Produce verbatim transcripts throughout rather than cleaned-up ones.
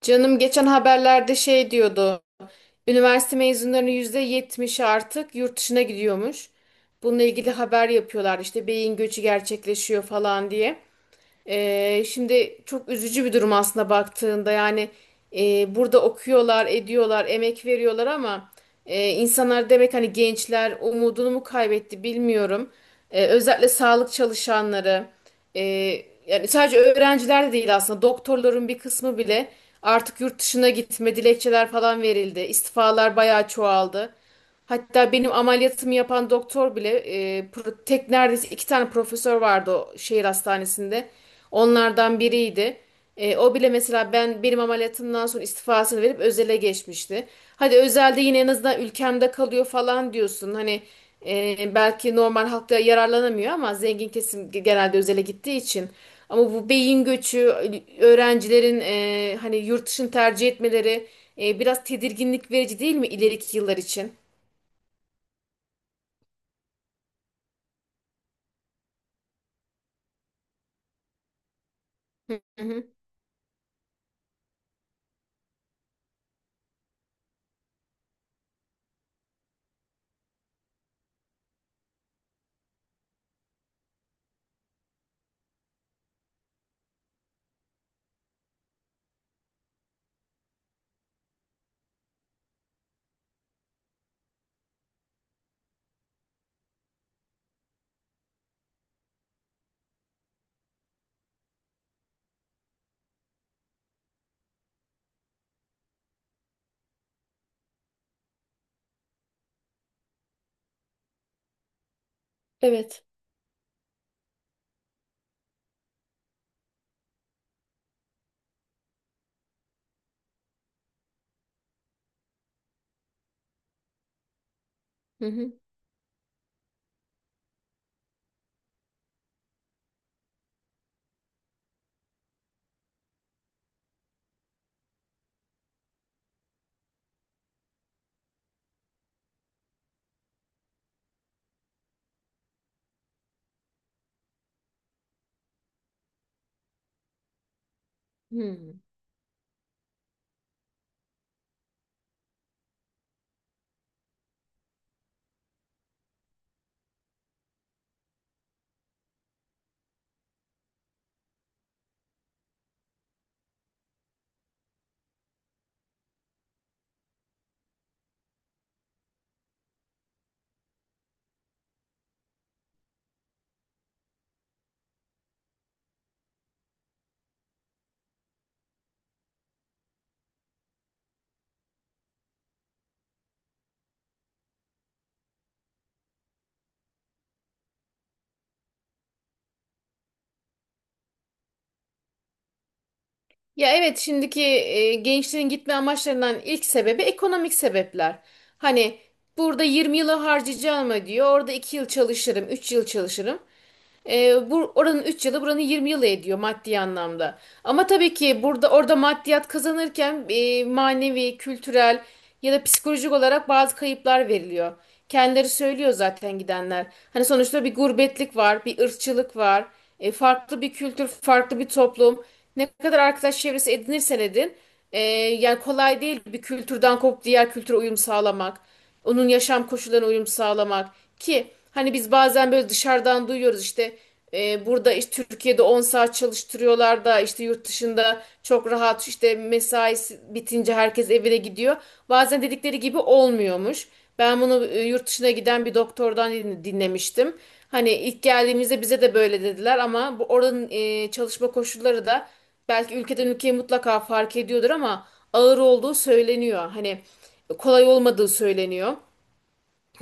Canım geçen haberlerde şey diyordu. Üniversite mezunlarının yüzde yetmişi artık yurt dışına gidiyormuş. Bununla ilgili haber yapıyorlar işte beyin göçü gerçekleşiyor falan diye. Ee, şimdi çok üzücü bir durum aslında baktığında, yani e, burada okuyorlar, ediyorlar, emek veriyorlar ama e, insanlar demek hani gençler umudunu mu kaybetti bilmiyorum. E, özellikle sağlık çalışanları. Ee, Yani sadece öğrenciler de değil, aslında doktorların bir kısmı bile artık yurt dışına gitme dilekçeler falan verildi. İstifalar bayağı çoğaldı. Hatta benim ameliyatımı yapan doktor bile e, pro- tek, neredeyse iki tane profesör vardı o şehir hastanesinde. Onlardan biriydi. E, o bile mesela ben benim ameliyatımdan sonra istifasını verip özele geçmişti. Hadi özelde yine en azından ülkemde kalıyor falan diyorsun. Hani e, belki normal halkta yararlanamıyor ama zengin kesim genelde özele gittiği için. Ama bu beyin göçü, öğrencilerin e, hani yurt dışını tercih etmeleri e, biraz tedirginlik verici değil mi ileriki yıllar için? Hı hı. Evet. Hı hı. Hı. Ya evet, şimdiki e, gençlerin gitme amaçlarından ilk sebebi ekonomik sebepler. Hani burada yirmi yılı harcayacağım diyor. Orada iki yıl çalışırım, üç yıl çalışırım. E, bu oranın üç yılı buranın yirmi yılı ediyor maddi anlamda. Ama tabii ki burada orada maddiyat kazanırken e, manevi, kültürel ya da psikolojik olarak bazı kayıplar veriliyor. Kendileri söylüyor zaten gidenler. Hani sonuçta bir gurbetlik var, bir ırkçılık var, e, farklı bir kültür, farklı bir toplum. Ne kadar arkadaş çevresi edinirsen edin, e, yani kolay değil bir kültürden kopup diğer kültüre uyum sağlamak. Onun yaşam koşullarına uyum sağlamak ki hani biz bazen böyle dışarıdan duyuyoruz işte e, burada işte Türkiye'de on saat çalıştırıyorlar da işte yurt dışında çok rahat işte mesaisi bitince herkes evine gidiyor. Bazen dedikleri gibi olmuyormuş. Ben bunu e, yurt dışına giden bir doktordan din- dinlemiştim. Hani ilk geldiğimizde bize de böyle dediler ama bu oranın e, çalışma koşulları da belki ülkeden ülkeye mutlaka fark ediyordur ama ağır olduğu söyleniyor. Hani kolay olmadığı söyleniyor.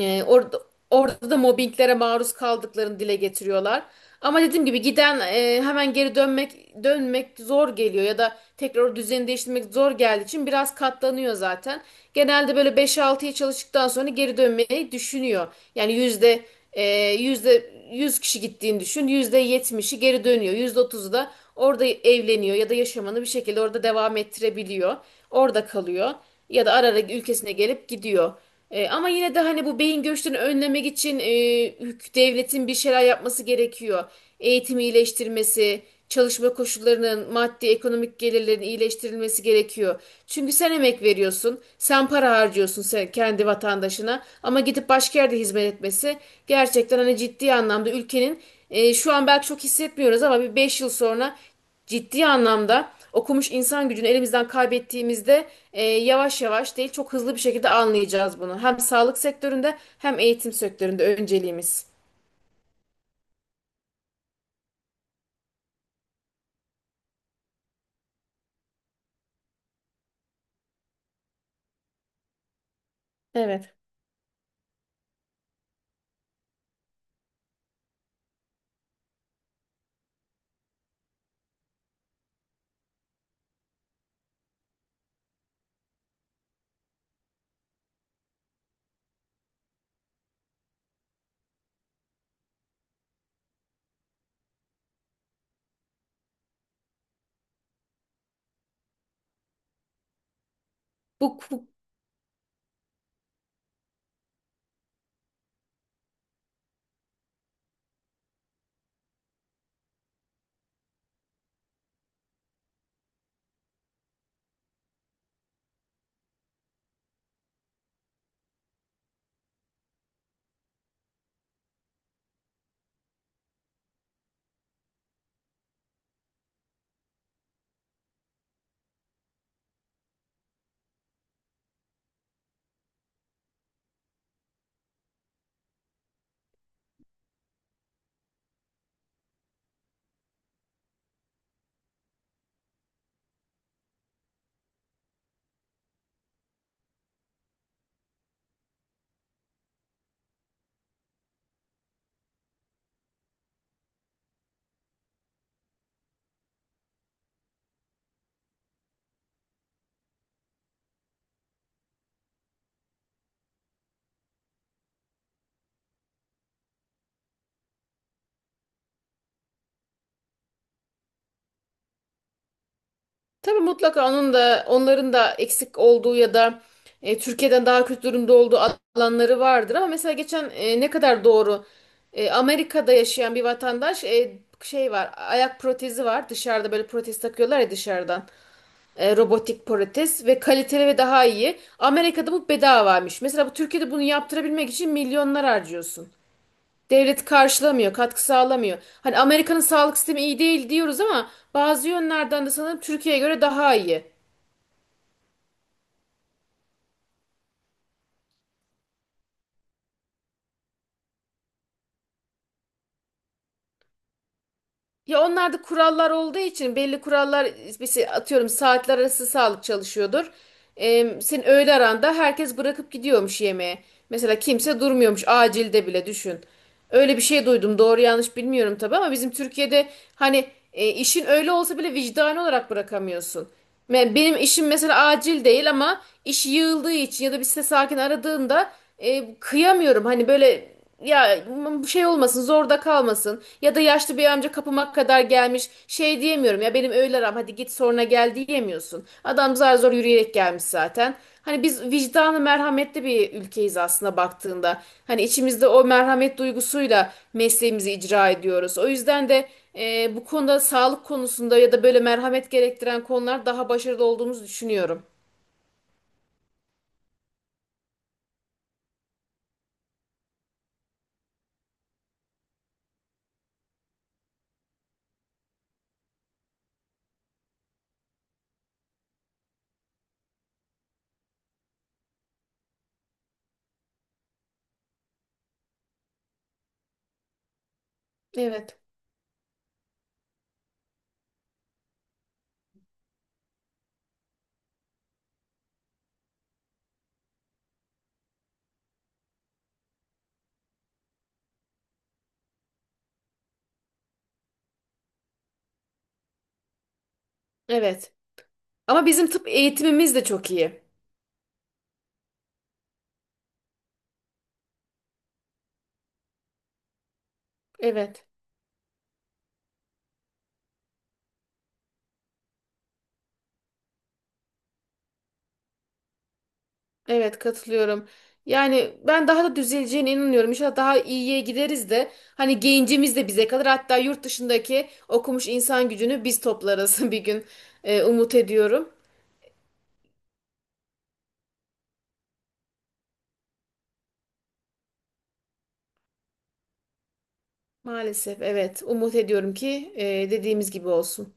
E, orada, Orada da mobbinglere maruz kaldıklarını dile getiriyorlar. Ama dediğim gibi giden e, hemen geri dönmek dönmek zor geliyor ya da tekrar o düzeni değiştirmek zor geldiği için biraz katlanıyor zaten. Genelde böyle beş altıya çalıştıktan sonra geri dönmeyi düşünüyor. Yani yüzde e, yüzde yüz kişi gittiğini düşün. Yüzde yetmişi geri dönüyor. Yüzde 30'u da orada evleniyor ya da yaşamını bir şekilde orada devam ettirebiliyor. Orada kalıyor ya da ara ara ülkesine gelip gidiyor. E, ama yine de hani bu beyin göçlerini önlemek için e, hük- devletin bir şeyler yapması gerekiyor. Eğitimi iyileştirmesi, çalışma koşullarının, maddi ekonomik gelirlerin iyileştirilmesi gerekiyor. Çünkü sen emek veriyorsun, sen para harcıyorsun, sen kendi vatandaşına ama gidip başka yerde hizmet etmesi gerçekten hani ciddi anlamda ülkenin e, şu an belki çok hissetmiyoruz ama bir beş yıl sonra ciddi anlamda okumuş insan gücünü elimizden kaybettiğimizde e, yavaş yavaş değil çok hızlı bir şekilde anlayacağız bunu. Hem sağlık sektöründe hem eğitim sektöründe önceliğimiz. Evet. Bu, bu tabii mutlaka onun da onların da eksik olduğu ya da e, Türkiye'den daha kötü durumda olduğu alanları vardır ama mesela geçen e, ne kadar doğru e, Amerika'da yaşayan bir vatandaş, e, şey var, ayak protezi var dışarıda, böyle protez takıyorlar ya dışarıdan. E, robotik protez ve kaliteli ve daha iyi. Amerika'da bu bedavaymış. Mesela bu Türkiye'de bunu yaptırabilmek için milyonlar harcıyorsun. Devlet karşılamıyor, katkı sağlamıyor. Hani Amerika'nın sağlık sistemi iyi değil diyoruz ama bazı yönlerden de sanırım Türkiye'ye göre daha iyi. Ya onlarda kurallar olduğu için, belli kurallar mesela, atıyorum saatler arası sağlık çalışıyordur. Ee, senin öğle aranda herkes bırakıp gidiyormuş yemeğe. Mesela kimse durmuyormuş acilde bile, düşün. Öyle bir şey duydum, doğru yanlış bilmiyorum tabii, ama bizim Türkiye'de hani e, işin öyle olsa bile vicdani olarak bırakamıyorsun. Me- Benim işim mesela acil değil ama iş yığıldığı için ya da bir ses sakin aradığında e, kıyamıyorum. Hani böyle ya bu şey olmasın, zorda kalmasın ya da yaşlı bir amca kapıma kadar gelmiş, şey diyemiyorum ya, benim öğle aram hadi git sonra gel diyemiyorsun. Adam zar zor yürüyerek gelmiş zaten. Hani biz vicdanı merhametli bir ülkeyiz aslında baktığında. Hani içimizde o merhamet duygusuyla mesleğimizi icra ediyoruz. O yüzden de e, bu konuda, sağlık konusunda ya da böyle merhamet gerektiren konular daha başarılı olduğumuzu düşünüyorum. Evet. Evet. Ama bizim tıp eğitimimiz de çok iyi. Evet. Evet, katılıyorum. Yani ben daha da düzeleceğine inanıyorum. İnşallah daha iyiye gideriz de hani gencimiz de bize kalır. Hatta yurt dışındaki okumuş insan gücünü biz toplarız bir gün. Ee, umut ediyorum. Maalesef evet, umut ediyorum ki e, dediğimiz gibi olsun.